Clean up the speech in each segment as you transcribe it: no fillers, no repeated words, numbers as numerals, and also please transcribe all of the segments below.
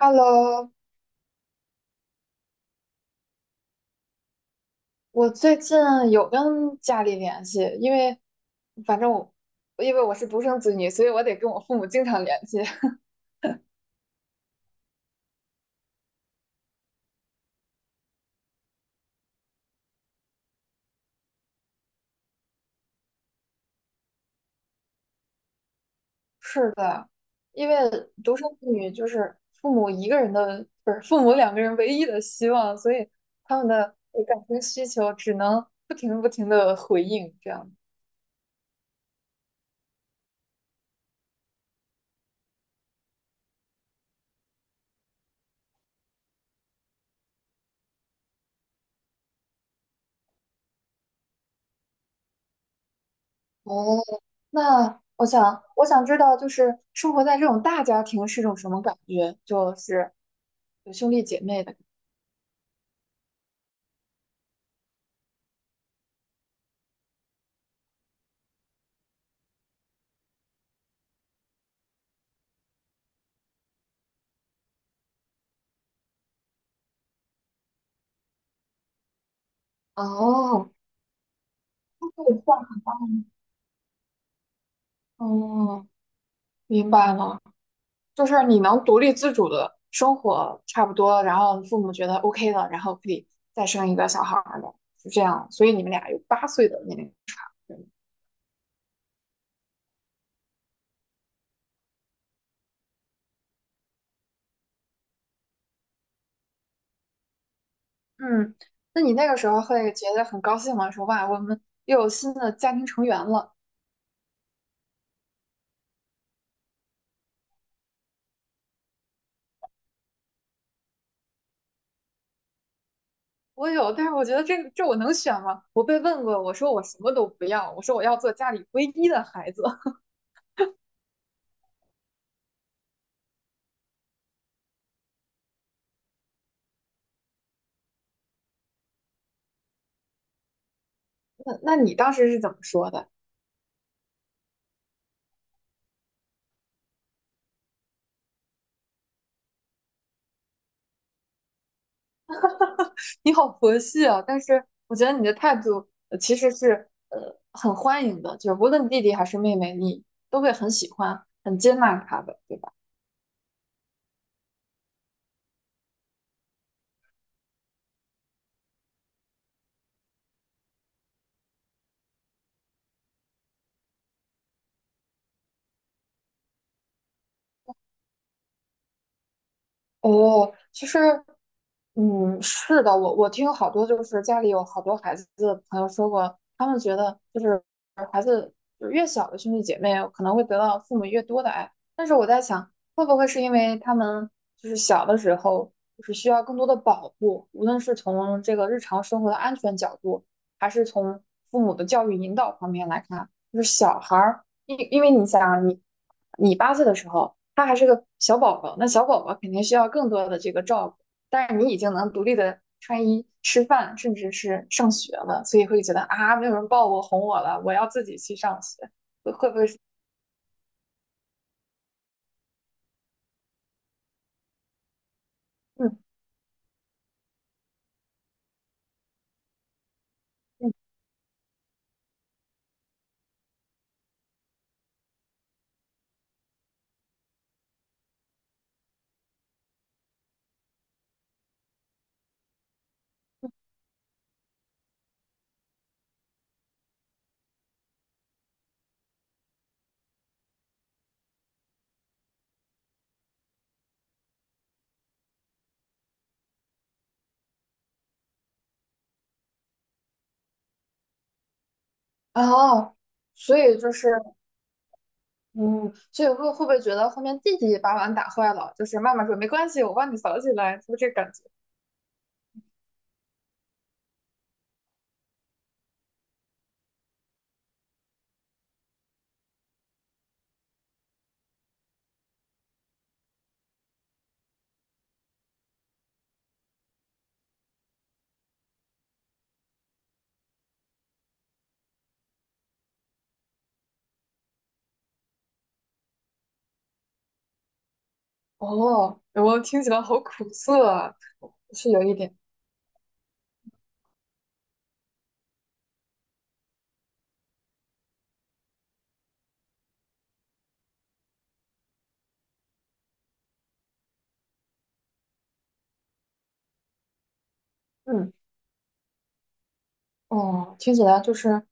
Hello，我最近有跟家里联系，因为反正我我是独生子女，所以我得跟我父母经常联系。是的，因为独生子女就是父母一个人的，不是父母两个人唯一的希望，所以他们的感情需求只能不停不停的回应这样。哦，那我想知道，就是生活在这种大家庭是种什么感觉？就是有兄弟姐妹的。哦，对话，哦，明白了，就是你能独立自主的生活差不多，然后父母觉得 OK 了，然后可以再生一个小孩儿的，是这样。所以你们俩有八岁的年龄差，对吗？嗯，那你那个时候会觉得很高兴吗？说哇，我们又有新的家庭成员了。我有，但是我觉得这个这我能选吗？我被问过，我说我什么都不要，我说我要做家里唯一的孩子。那你当时是怎么说的？你好佛系啊！但是我觉得你的态度其实是很欢迎的，就是无论弟弟还是妹妹，你都会很喜欢、很接纳他的，对吧？哦，其实，嗯，是的，我听好多就是家里有好多孩子的朋友说过，他们觉得就是越小的兄弟姐妹可能会得到父母越多的爱。但是我在想，会不会是因为他们就是小的时候就是需要更多的保护，无论是从这个日常生活的安全角度，还是从父母的教育引导方面来看，就是小孩儿，因为你想啊你八岁的时候，他还是个小宝宝，那小宝宝肯定需要更多的这个照顾。但是你已经能独立的穿衣、吃饭，甚至是上学了，所以会觉得啊，没有人抱我、哄我了，我要自己去上学，会不会是？嗯嗯，哦，所以就是嗯，所以会不会觉得后面弟弟把碗打坏了，就是妈妈说没关系，我帮你扫起来，是不是这个感觉？哦，我听起来好苦涩啊，是有一点，嗯。哦，听起来就是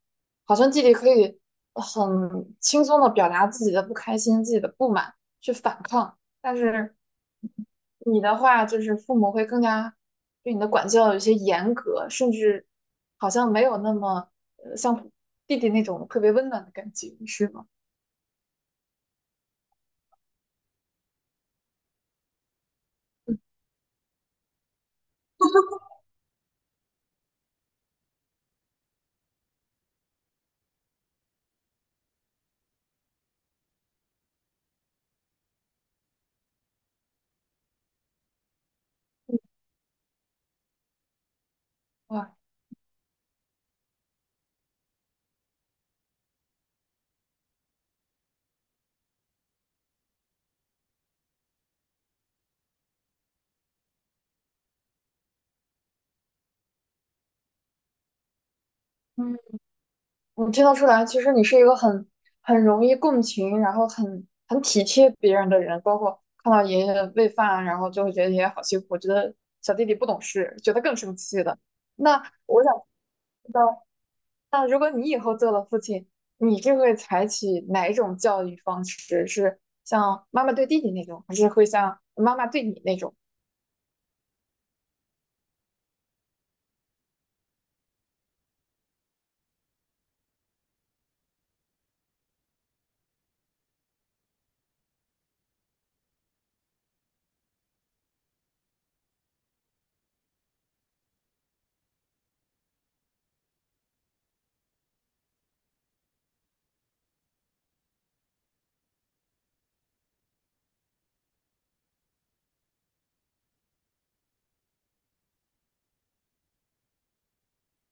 好像弟弟可以很轻松的表达自己的不开心、自己的不满，去反抗。但是你的话，就是父母会更加对你的管教有些严格，甚至好像没有那么像弟弟那种特别温暖的感觉，是吗？哇，嗯。我听得出来，其实你是一个很容易共情，然后很体贴别人的人。包括看到爷爷喂饭，然后就会觉得爷爷好辛苦，觉得小弟弟不懂事，觉得更生气的。那我想知道，那如果你以后做了父亲，你是会采取哪一种教育方式？是像妈妈对弟弟那种，还是会像妈妈对你那种？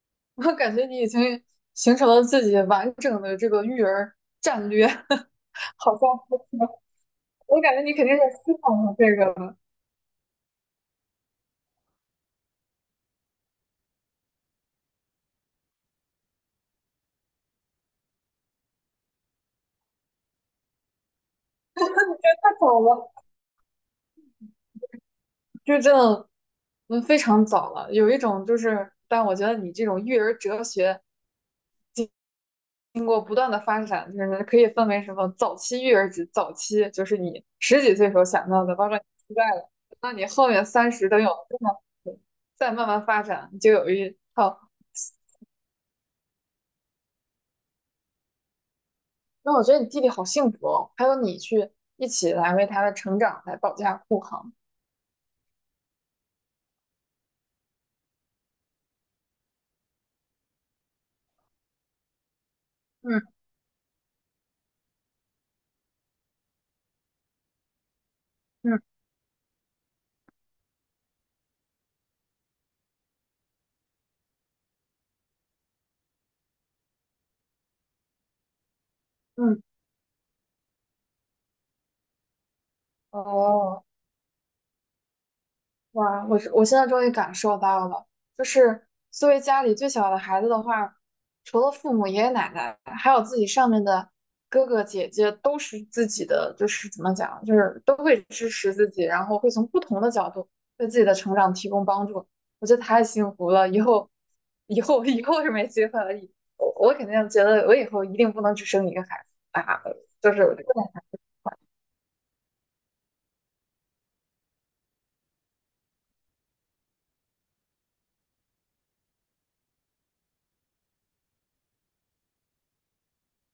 我感觉你已经形成了自己完整的这个育儿战略，好像。我感觉你肯定是思考了这个了。太早了，就真的，嗯，非常早了。有一种就是，但我觉得你这种育儿哲学经过不断的发展，就是可以分为什么早期育儿指早期就是你十几岁时候想到的，包括你现在了，那你后面三十都有了这么，再慢慢发展，你就有一套。那我觉得你弟弟好幸福哦，还有你去一起来为他的成长来保驾护航。嗯嗯嗯，哦。哇，我现在终于感受到了，就是作为家里最小的孩子的话，除了父母、爷爷奶奶，还有自己上面的哥哥姐姐，都是自己的，就是怎么讲，就是都会支持自己，然后会从不同的角度为自己的成长提供帮助。我觉得太幸福了，以后是没机会了。我肯定觉得我以后一定不能只生一个孩子啊，就是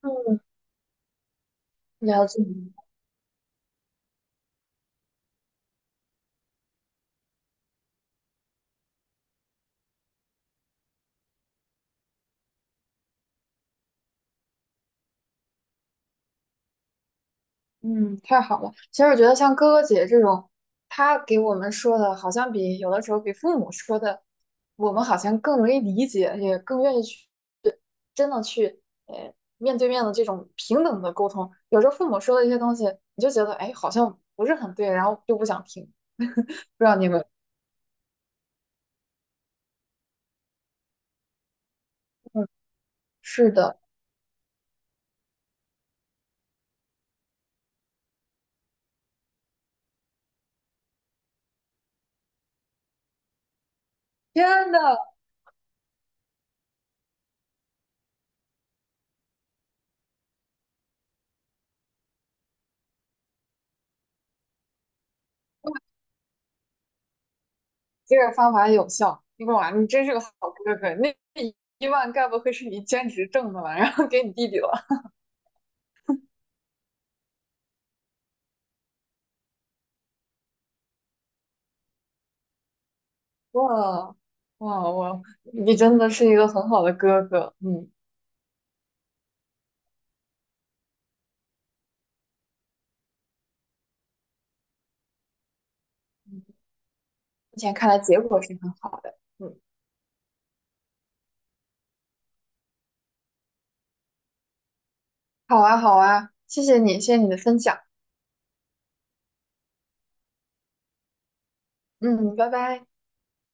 嗯，了解。嗯，太好了。其实我觉得像哥哥姐这种，他给我们说的，好像比有的时候比父母说的，我们好像更容易理解，也更愿意去真的去面对面的这种平等的沟通。有时候父母说的一些东西，你就觉得哎好像不是很对，然后就不想听。不知道你们，嗯，是的，天呐，这个方法有效。哇，你真是个好哥哥，那1万该不会是你兼职挣的吧？然后给你弟弟了。哇哇哇！你真的是一个很好的哥哥，嗯，目前看来结果是很好的，嗯，好啊好啊，谢谢你，谢谢你的分享，嗯，拜拜。